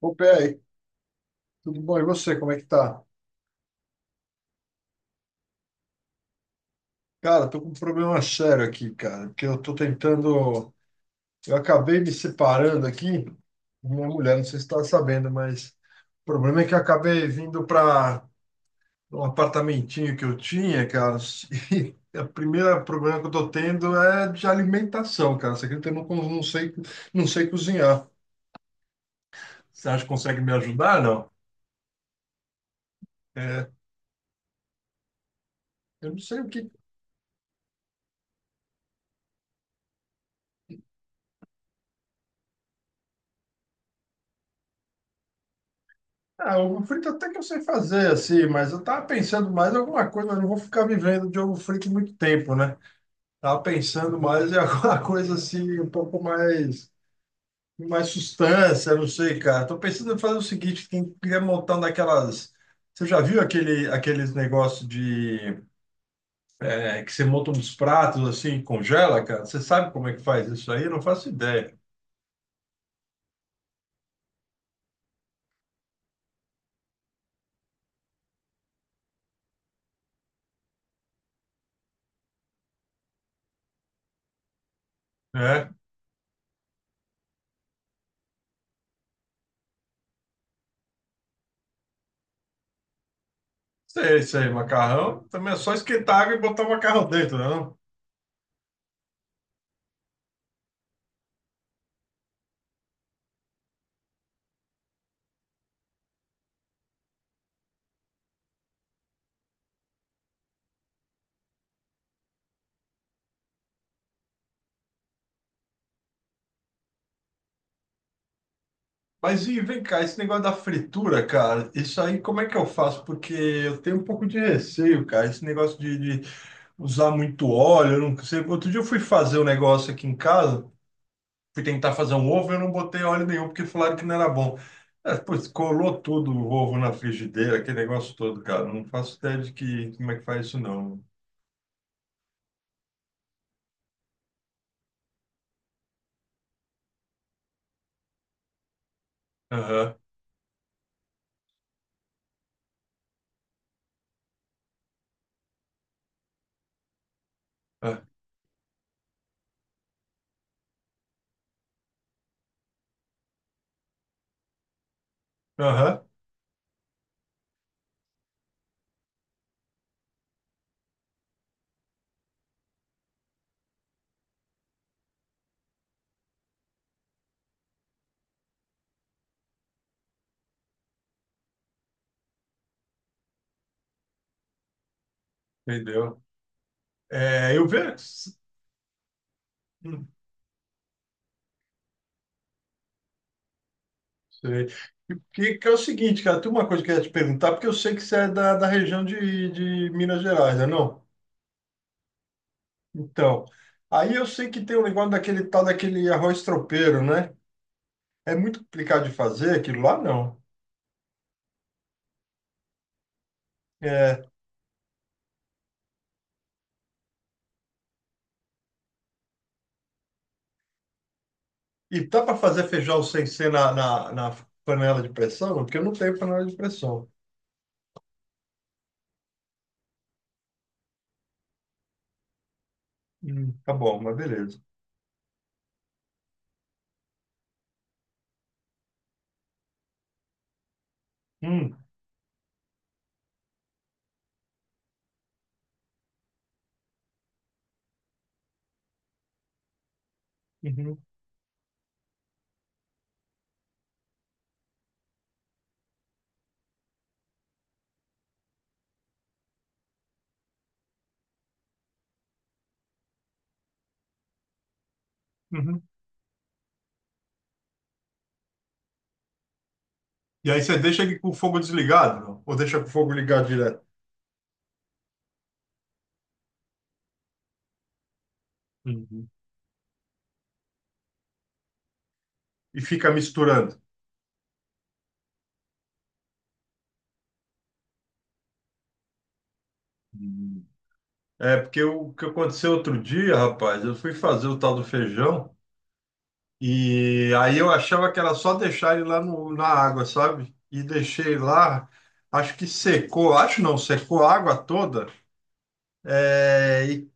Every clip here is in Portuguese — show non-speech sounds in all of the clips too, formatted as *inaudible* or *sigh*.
Ô, Pé, tudo bom? E você, como é que tá? Cara, tô com um problema sério aqui, cara, porque eu tô tentando. Eu acabei me separando aqui, minha mulher, não sei se tá sabendo, mas o problema é que eu acabei vindo para um apartamentinho que eu tinha, cara, *laughs* e o primeiro problema que eu tô tendo é de alimentação, cara. Você acredita que eu não, não sei cozinhar? Você acha que consegue me ajudar? Não. É, eu não sei o que Ah, ovo frito até que eu sei fazer, assim, mas eu tava pensando mais em alguma coisa, mas não vou ficar vivendo de ovo frito muito tempo, né? Tava pensando mais em *laughs* alguma coisa assim, um pouco mais, mais sustância, não sei, cara. Tô pensando em fazer o seguinte, tem queria montar um daquelas. Você já viu aquele, aqueles negócios de que você monta uns pratos assim, e congela, cara? Você sabe como é que faz isso aí? Eu não faço ideia, né? Sei, sei, macarrão também é só esquentar água e botar o macarrão dentro, né? Não? Mas e vem cá, esse negócio da fritura, cara, isso aí como é que eu faço? Porque eu tenho um pouco de receio, cara, esse negócio de usar muito óleo, eu não sei. Outro dia eu fui fazer um negócio aqui em casa, fui tentar fazer um ovo, eu não botei óleo nenhum, porque falaram que não era bom. É, pois, colou tudo o ovo na frigideira, aquele negócio todo, cara. Não faço ideia de que, como é que faz isso, não. Aham, ah, aham, entendeu? É, eu vejo. Sei. E que é o seguinte, cara, tem uma coisa que eu ia te perguntar, porque eu sei que você é da região de Minas Gerais, não é não? Então, aí eu sei que tem um negócio daquele tal daquele arroz tropeiro, né? É muito complicado de fazer, aquilo lá não. É, e dá para fazer feijão sem ser na panela de pressão? Porque eu não tenho panela de pressão. Tá bom, mas beleza. Hum, uhum, uhum. E aí você deixa ele com o fogo desligado, não? Ou deixa com o fogo ligado direto? Uhum. E fica misturando? Hum. É, porque o que aconteceu outro dia, rapaz, eu fui fazer o tal do feijão e aí eu achava que era só deixar ele lá na água, sabe? E deixei lá, acho que secou, acho não, secou a água toda, e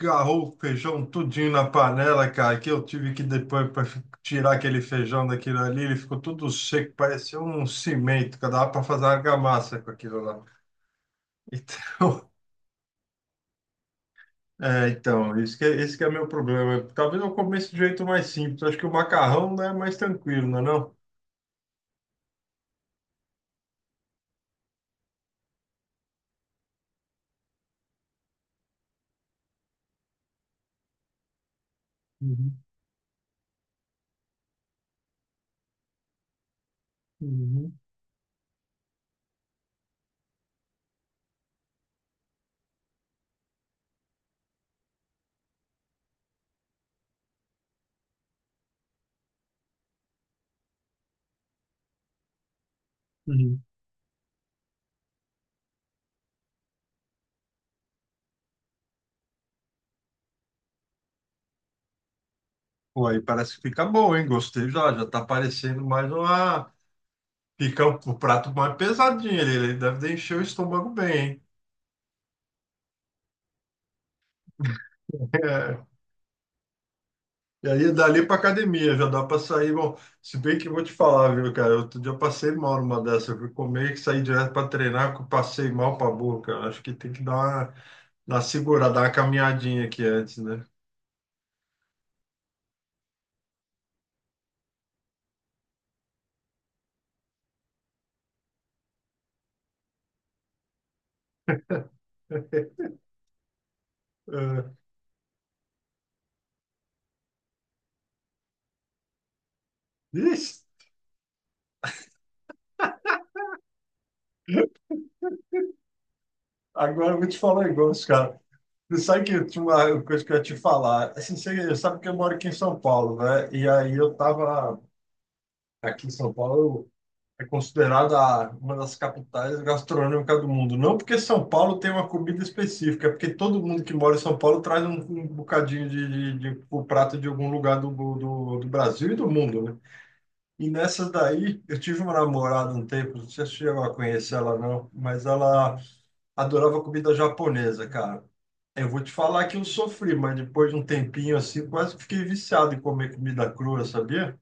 agarrou o feijão tudinho na panela, cara, que eu tive que depois para tirar aquele feijão daquilo ali, ele ficou tudo seco, parecia um cimento, que dava para fazer argamassa com aquilo lá. *laughs* Então, então, esse que é meu problema. Talvez eu comece de jeito mais simples. Acho que o macarrão, né, é mais tranquilo, não é não? Uhum, uhum, uhum. Pô, aí parece que fica bom, hein? Gostei já, já tá parecendo mais uma. Fica um prato mais pesadinho, ele deve encher o estômago bem, hein? *laughs* É, e aí, é dali pra academia, já dá pra sair. Bom, se bem que eu vou te falar, viu, cara? Outro dia eu passei mal numa dessa. Eu fui comer e saí direto pra treinar, que eu passei mal pra boca. Acho que tem que dar uma segurada, dá uma caminhadinha aqui antes, né? *laughs* Ah, ixi, agora eu vou te falar um negócio, cara. Você sabe que eu tinha uma coisa que eu ia te falar. Assim, você sabe que eu moro aqui em São Paulo, né? E aí eu tava aqui em São Paulo, é considerada uma das capitais gastronômicas do mundo. Não porque São Paulo tem uma comida específica, é porque todo mundo que mora em São Paulo traz um bocadinho o prato de algum lugar do Brasil e do mundo, né? E nessa daí, eu tive uma namorada um tempo, não sei se você chegou a conhecer ela não, mas ela adorava comida japonesa, cara. Eu vou te falar que eu sofri, mas depois de um tempinho assim, quase que fiquei viciado em comer comida crua, sabia?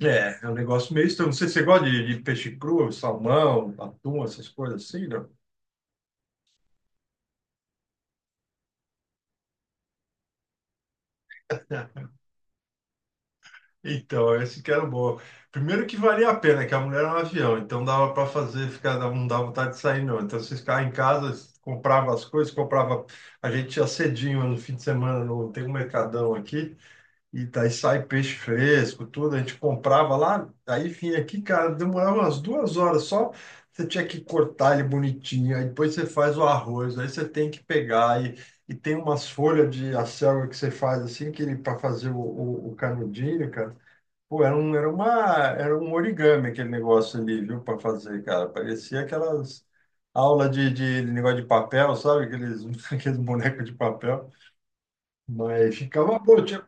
É, é um negócio meio estranho. Não sei se você gosta de peixe cru, salmão, atum, essas coisas assim, né? Então, esse que era o bom. Primeiro que valia a pena, que a mulher era um avião, então dava para fazer, ficar, não dava vontade de sair, não. Então, você ficava em casa, comprava as coisas, comprava. A gente ia cedinho no fim de semana, no, tem um mercadão aqui, e daí sai peixe fresco, tudo. A gente comprava lá, aí vinha aqui, cara, demorava umas 2 horas só. Você tinha que cortar ele bonitinho, aí depois você faz o arroz, aí você tem que pegar, e tem umas folhas de acelga que você faz assim, que ele para fazer o canudinho, cara. Pô, era um origami aquele negócio ali, viu, para fazer, cara. Parecia aquelas aulas de negócio de papel, sabe? Aqueles, *laughs* aqueles bonecos de papel. Mas ficava bom. Tinha.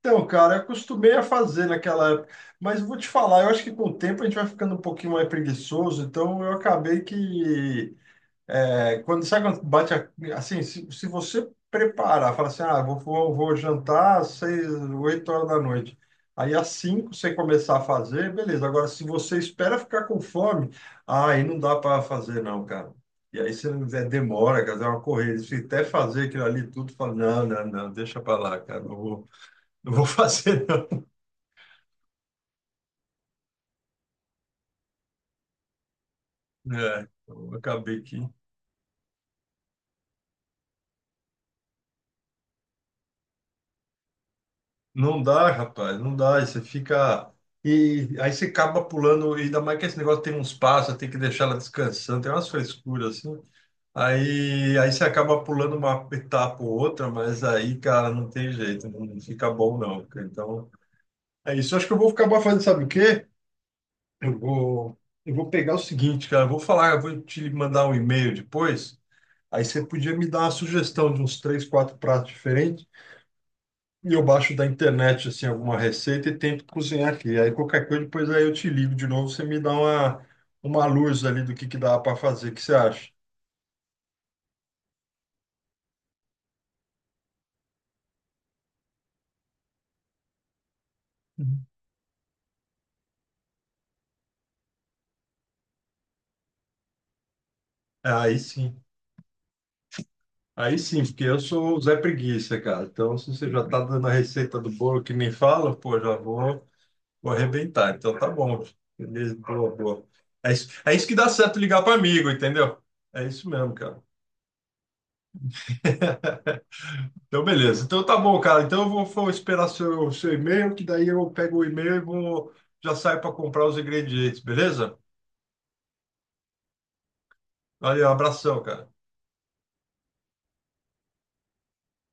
Então, cara, eu acostumei a fazer naquela época. Mas vou te falar, eu acho que com o tempo a gente vai ficando um pouquinho mais preguiçoso. Então, eu acabei que quando, sabe quando bate assim, se você preparar, fala assim, ah, vou jantar às 6, 8 horas da noite. Aí às 5 você começar a fazer, beleza. Agora, se você espera ficar com fome, ah, aí não dá para fazer não, cara. E aí você demora, cara, é uma corrida. Se até fazer aquilo ali tudo, fala, não, não, não, deixa para lá, cara, não vou *laughs* fazer não. É, então, eu acabei que. Não dá, rapaz, não dá. Aí você fica. E aí você acaba pulando, e ainda mais que esse negócio tem uns passos, tem que deixar ela descansando, tem umas frescuras assim. Aí, você acaba pulando uma etapa ou outra, mas aí, cara, não tem jeito, não fica bom não, cara. Então, é isso. Eu acho que eu vou acabar fazendo, sabe o quê? Eu vou, eu vou pegar o seguinte, cara, eu vou falar, eu vou te mandar um e-mail depois. Aí você podia me dar uma sugestão de uns três, quatro pratos diferentes. E eu baixo da internet assim alguma receita e tento cozinhar aqui. Aí qualquer coisa depois aí eu te ligo de novo, você me dá uma luz ali do que dá para fazer, o que você acha? Uhum. Aí sim. Aí sim, porque eu sou o Zé Preguiça, cara. Então, se você já tá dando a receita do bolo que nem fala, pô, já vou arrebentar. Então, tá bom. Beleza, boa, boa. É isso que dá certo ligar para amigo, entendeu? É isso mesmo, cara. *laughs* Então, beleza. Então, tá bom, cara. Então, eu vou esperar seu e-mail, que daí eu pego o e-mail e vou, já saio para comprar os ingredientes, beleza? Valeu, abração, cara.